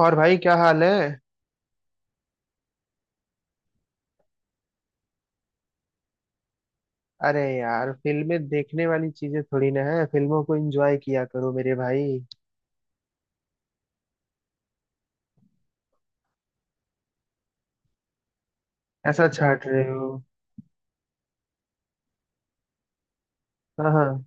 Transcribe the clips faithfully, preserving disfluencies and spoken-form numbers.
और भाई क्या हाल है? अरे यार, फिल्में देखने वाली चीजें थोड़ी ना है। फिल्मों को एंजॉय किया करो मेरे भाई। ऐसा छाट रहे हो? हाँ हाँ।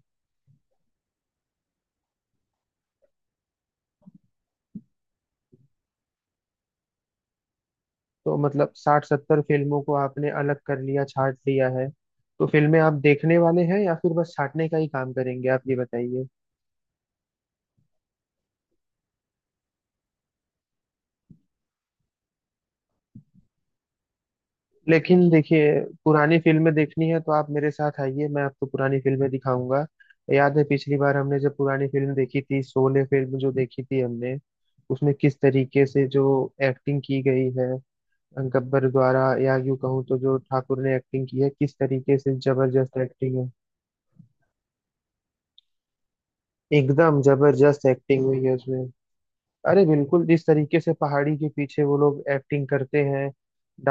तो मतलब साठ सत्तर फिल्मों को आपने अलग कर लिया, छाट लिया है? तो फिल्में आप देखने वाले हैं या फिर बस छाटने का ही काम करेंगे आप, ये बताइए। लेकिन देखिए, पुरानी फिल्में देखनी है तो आप मेरे साथ आइए, मैं आपको पुरानी फिल्में दिखाऊंगा। याद है पिछली बार हमने जब पुरानी फिल्म देखी थी, शोले फिल्म जो देखी थी हमने, उसमें किस तरीके से जो एक्टिंग की गई है गब्बर द्वारा, या यूं कहूँ तो जो ठाकुर ने एक्टिंग की है, किस तरीके से जबरदस्त एक्टिंग है। एकदम जबरदस्त एक्टिंग हुई है उसमें। अरे बिल्कुल, जिस तरीके से पहाड़ी के पीछे वो लोग एक्टिंग करते हैं,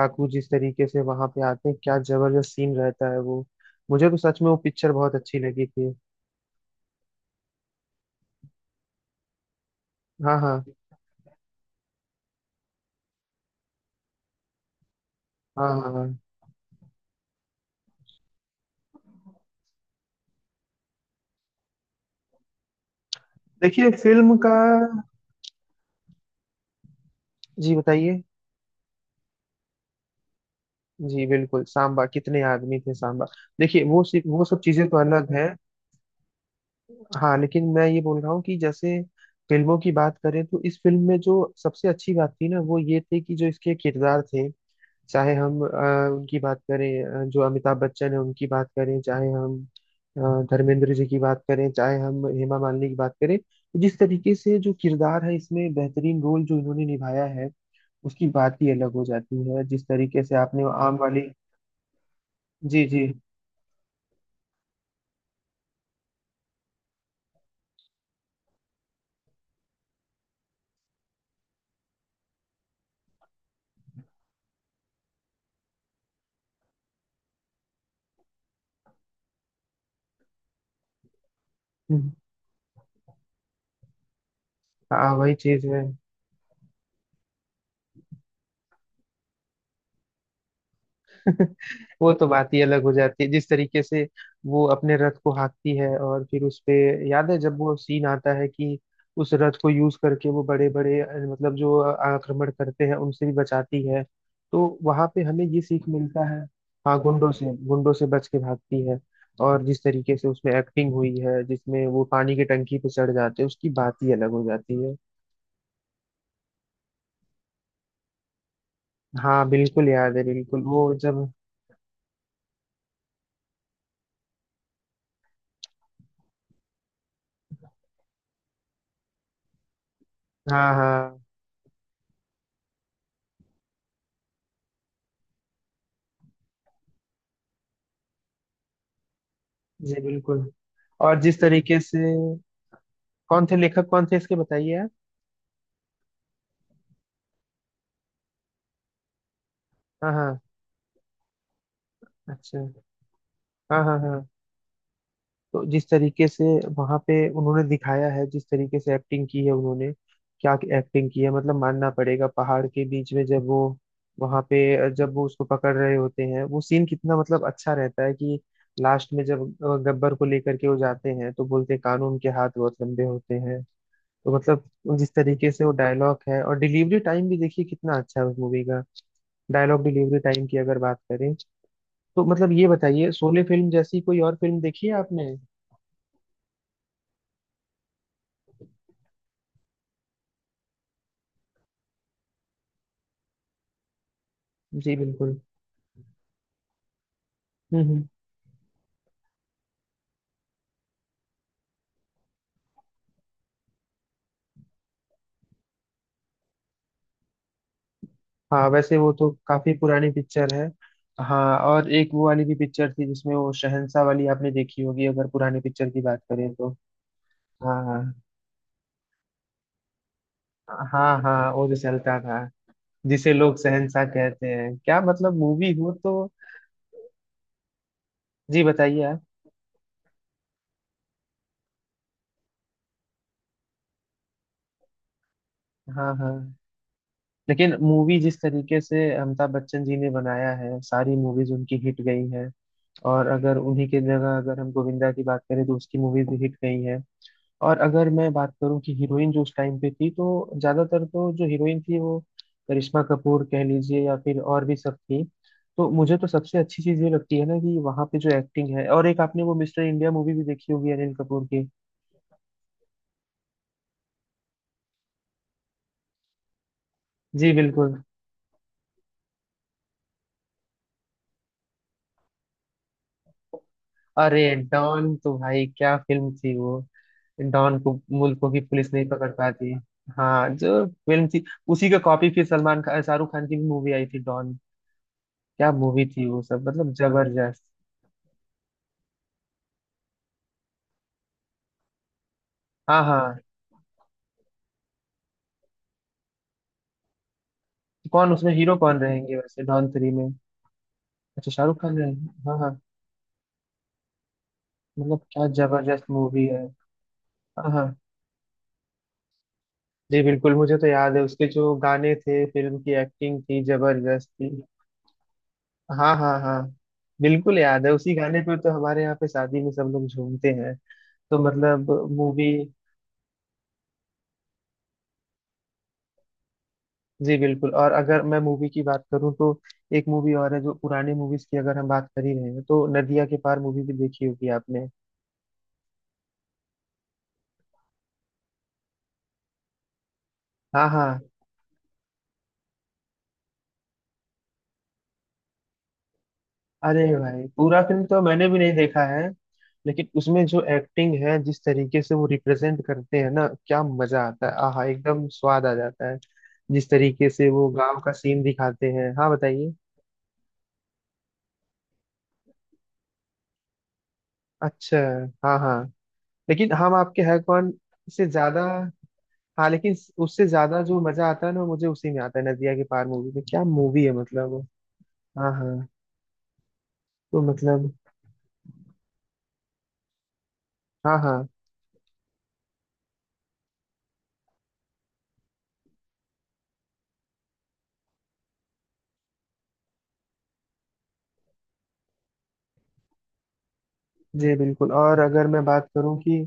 डाकू जिस तरीके से वहां पे आते हैं, क्या जबरदस्त सीन रहता है वो। मुझे तो सच में वो पिक्चर बहुत अच्छी लगी थी। हाँ हाँ हाँ हाँ हाँ। देखिए फिल्म का। जी बताइए। जी बिल्कुल, सांबा कितने आदमी थे सांबा। देखिए वो सिर्फ वो सब चीजें तो अलग है। हाँ, लेकिन मैं ये बोल रहा हूँ कि जैसे फिल्मों की बात करें तो इस फिल्म में जो सबसे अच्छी बात थी ना, वो ये थी कि जो इसके किरदार थे, चाहे हम अ, उनकी बात करें, अ, जो अमिताभ बच्चन है उनकी बात करें, चाहे हम अ, धर्मेंद्र जी की बात करें, चाहे हम हेमा मालिनी की बात करें, तो जिस तरीके से जो किरदार है इसमें बेहतरीन रोल जो इन्होंने निभाया है उसकी बात ही अलग हो जाती है। जिस तरीके से आपने वो आम वाली। जी जी। हम्म, हाँ वही चीज है। वो तो बात ही अलग हो जाती है, जिस तरीके से वो अपने रथ को हाँकती है और फिर उस पे, याद है जब वो सीन आता है कि उस रथ को यूज करके वो बड़े बड़े, मतलब जो आक्रमण करते हैं उनसे भी बचाती है, तो वहां पे हमें ये सीख मिलता है। हाँ, गुंडों से गुंडों से बच के भागती है, और जिस तरीके से उसमें एक्टिंग हुई है जिसमें वो पानी की टंकी पे चढ़ जाते हैं उसकी बात ही अलग हो जाती है। हाँ बिल्कुल याद है, बिल्कुल वो जब। हाँ हाँ। जी बिल्कुल। और जिस तरीके से, कौन थे लेखक, कौन थे इसके बताइए आप। हाँ हाँ। अच्छा। हाँ हाँ हाँ। तो जिस तरीके से वहां पे उन्होंने दिखाया है, जिस तरीके से एक्टिंग की है उन्होंने, क्या एक्टिंग की है, मतलब मानना पड़ेगा। पहाड़ के बीच में जब वो, वहां पे जब वो उसको पकड़ रहे होते हैं, वो सीन कितना मतलब अच्छा रहता है कि लास्ट में जब अ, गब्बर को लेकर के वो जाते हैं तो बोलते हैं, कानून के हाथ बहुत लंबे होते हैं। तो मतलब जिस तरीके से वो डायलॉग है, और डिलीवरी टाइम भी देखिए कितना अच्छा है उस मूवी का, डायलॉग डिलीवरी टाइम की अगर बात करें, तो मतलब ये बताइए शोले फिल्म जैसी कोई और फिल्म देखी है आपने? जी बिल्कुल। हम्म हम्म। हाँ वैसे वो तो काफी पुरानी पिक्चर है। हाँ और एक वो वाली भी पिक्चर थी जिसमें वो शहंशाह वाली आपने देखी होगी, अगर पुरानी पिक्चर की बात करें तो। हाँ हाँ हाँ हाँ वो जो चलता था, जिसे लोग शहंशाह कहते हैं, क्या मतलब मूवी हो तो। जी बताइए आप। हाँ हाँ। लेकिन मूवी जिस तरीके से अमिताभ बच्चन जी ने बनाया है, सारी मूवीज उनकी हिट गई हैं। और अगर उन्हीं के जगह अगर हम गोविंदा की बात करें तो उसकी मूवीज भी हिट गई हैं। और अगर मैं बात करूं कि हीरोइन जो उस टाइम पे थी तो ज्यादातर तो जो हीरोइन थी, वो करिश्मा कपूर कह लीजिए या फिर और भी सब थी। तो मुझे तो सबसे अच्छी चीज ये लगती है ना कि वहाँ पे जो एक्टिंग है, और एक आपने वो मिस्टर इंडिया मूवी भी देखी होगी अनिल कपूर की। जी बिल्कुल। अरे डॉन तो भाई क्या फिल्म थी वो। डॉन को मुल्कों की पुलिस नहीं पकड़ पाती। हाँ जो फिल्म थी, उसी का कॉपी फिर सलमान खान शाहरुख खान की भी मूवी आई थी, डॉन। क्या मूवी थी वो सब, मतलब जबरदस्त। हाँ हाँ। कौन उसमें हीरो कौन रहेंगे वैसे डॉन थ्री में? अच्छा शाहरुख खान रहेंगे, हाँ हाँ। मतलब क्या जबरदस्त मूवी है। हाँ हाँ। जी बिल्कुल मुझे तो याद है उसके जो गाने थे, फिल्म की एक्टिंग थी, जबरदस्त थी। हाँ हाँ हाँ। बिल्कुल याद है, उसी गाने पे तो हमारे यहाँ पे शादी में सब लोग झूमते हैं। तो मतलब मूवी। जी बिल्कुल। और अगर मैं मूवी की बात करूँ तो एक मूवी और है, जो पुराने मूवीज की अगर हम बात कर ही रहे हैं तो, नदिया के पार मूवी भी देखी होगी आपने। हाँ हाँ। अरे भाई पूरा फिल्म तो मैंने भी नहीं देखा है, लेकिन उसमें जो एक्टिंग है, जिस तरीके से वो रिप्रेजेंट करते हैं ना, क्या मजा आता है, आहा एकदम स्वाद आ जाता है। जिस तरीके से वो गांव का सीन दिखाते हैं। हाँ बताइए। अच्छा। हाँ हाँ। लेकिन हम आपके है कौन से ज्यादा, हाँ लेकिन उससे ज्यादा जो मजा आता है ना, वो मुझे उसी में आता है, नदिया के पार मूवी में। क्या मूवी है मतलब वो। हाँ हाँ। तो मतलब। हाँ हाँ। जी बिल्कुल। और अगर मैं बात करूँ कि,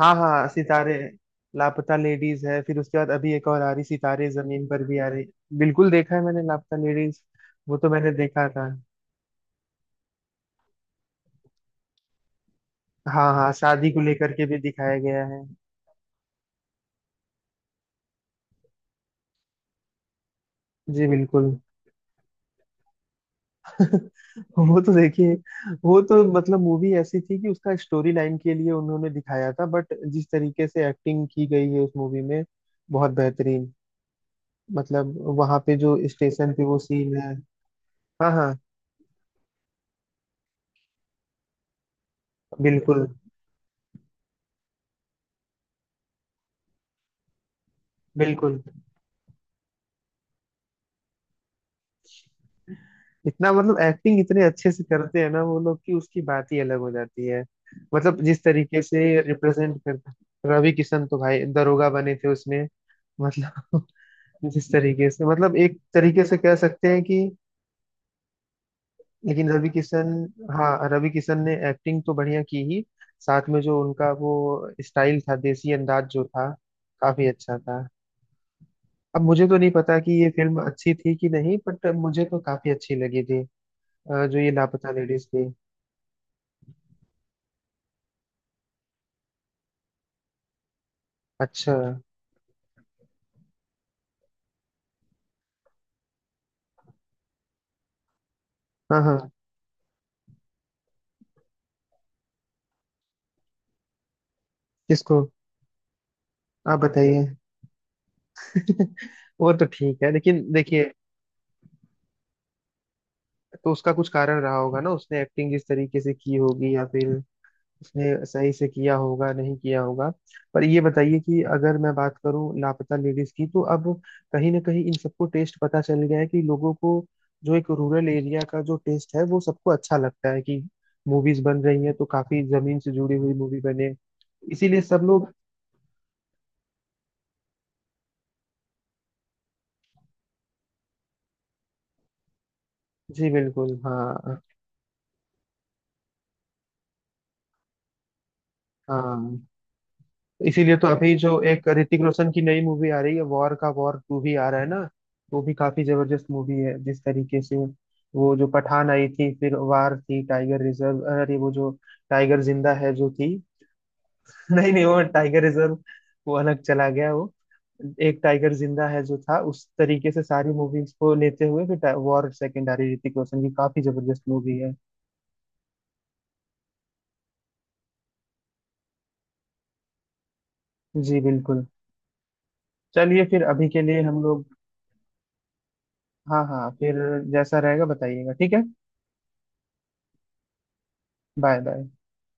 हाँ हाँ सितारे, लापता लेडीज है, फिर उसके बाद अभी एक और आ रही, सितारे जमीन पर भी आ रही। बिल्कुल देखा है मैंने लापता लेडीज, वो तो मैंने देखा था। हाँ हाँ शादी को लेकर के भी दिखाया गया है। जी बिल्कुल। वो तो देखिए, वो तो मतलब मूवी ऐसी थी कि उसका स्टोरी लाइन के लिए उन्होंने दिखाया था, बट जिस तरीके से एक्टिंग की गई है उस मूवी में बहुत बेहतरीन। मतलब वहां पे जो स्टेशन पे वो सीन है। हाँ हाँ। बिल्कुल बिल्कुल। इतना मतलब एक्टिंग इतने अच्छे से करते हैं ना वो लोग कि उसकी बात ही अलग हो जाती है। मतलब जिस तरीके से रिप्रेजेंट करता। रवि किशन तो भाई दरोगा बने थे उसमें। मतलब जिस तरीके से मतलब एक तरीके से कह सकते हैं कि, लेकिन रवि किशन, हाँ रवि किशन ने एक्टिंग तो बढ़िया की ही, साथ में जो उनका वो स्टाइल था, देसी अंदाज जो था, काफी अच्छा था। अब मुझे तो नहीं पता कि ये फिल्म अच्छी थी कि नहीं, बट मुझे तो काफी अच्छी लगी थी। अ, जो ये लापता लेडीज थी। अच्छा। हाँ हाँ। किसको? आप बताइए। वो तो ठीक है लेकिन देखिए, तो उसका कुछ कारण रहा होगा ना, उसने एक्टिंग जिस तरीके से की होगी या फिर उसने सही से किया होगा, नहीं किया होगा। पर ये बताइए कि अगर मैं बात करूं लापता लेडीज की, तो अब कहीं ना कहीं इन सबको टेस्ट पता चल गया है कि लोगों को जो एक रूरल एरिया का जो टेस्ट है वो सबको अच्छा लगता है, कि मूवीज बन रही हैं तो काफी जमीन से जुड़ी हुई मूवी बने, इसीलिए सब लोग। जी बिल्कुल। हाँ हाँ। इसीलिए तो अभी जो एक ऋतिक रोशन की नई मूवी आ रही है वॉर का, वॉर टू भी आ रहा है ना, वो भी काफी जबरदस्त मूवी है, जिस तरीके से, वो जो पठान आई थी, फिर वार थी, टाइगर रिजर्व, अरे वो जो टाइगर जिंदा है जो थी, नहीं नहीं, वो टाइगर रिजर्व वो अलग चला गया वो, एक टाइगर जिंदा है जो था, उस तरीके से सारी मूवीज को लेते हुए फिर वॉर सेकेंड आ रही है ऋतिक रोशन की, काफी जबरदस्त मूवी है। जी बिल्कुल। चलिए फिर अभी के लिए हम लोग, हाँ हाँ फिर जैसा रहेगा बताइएगा, ठीक है। Bye bye.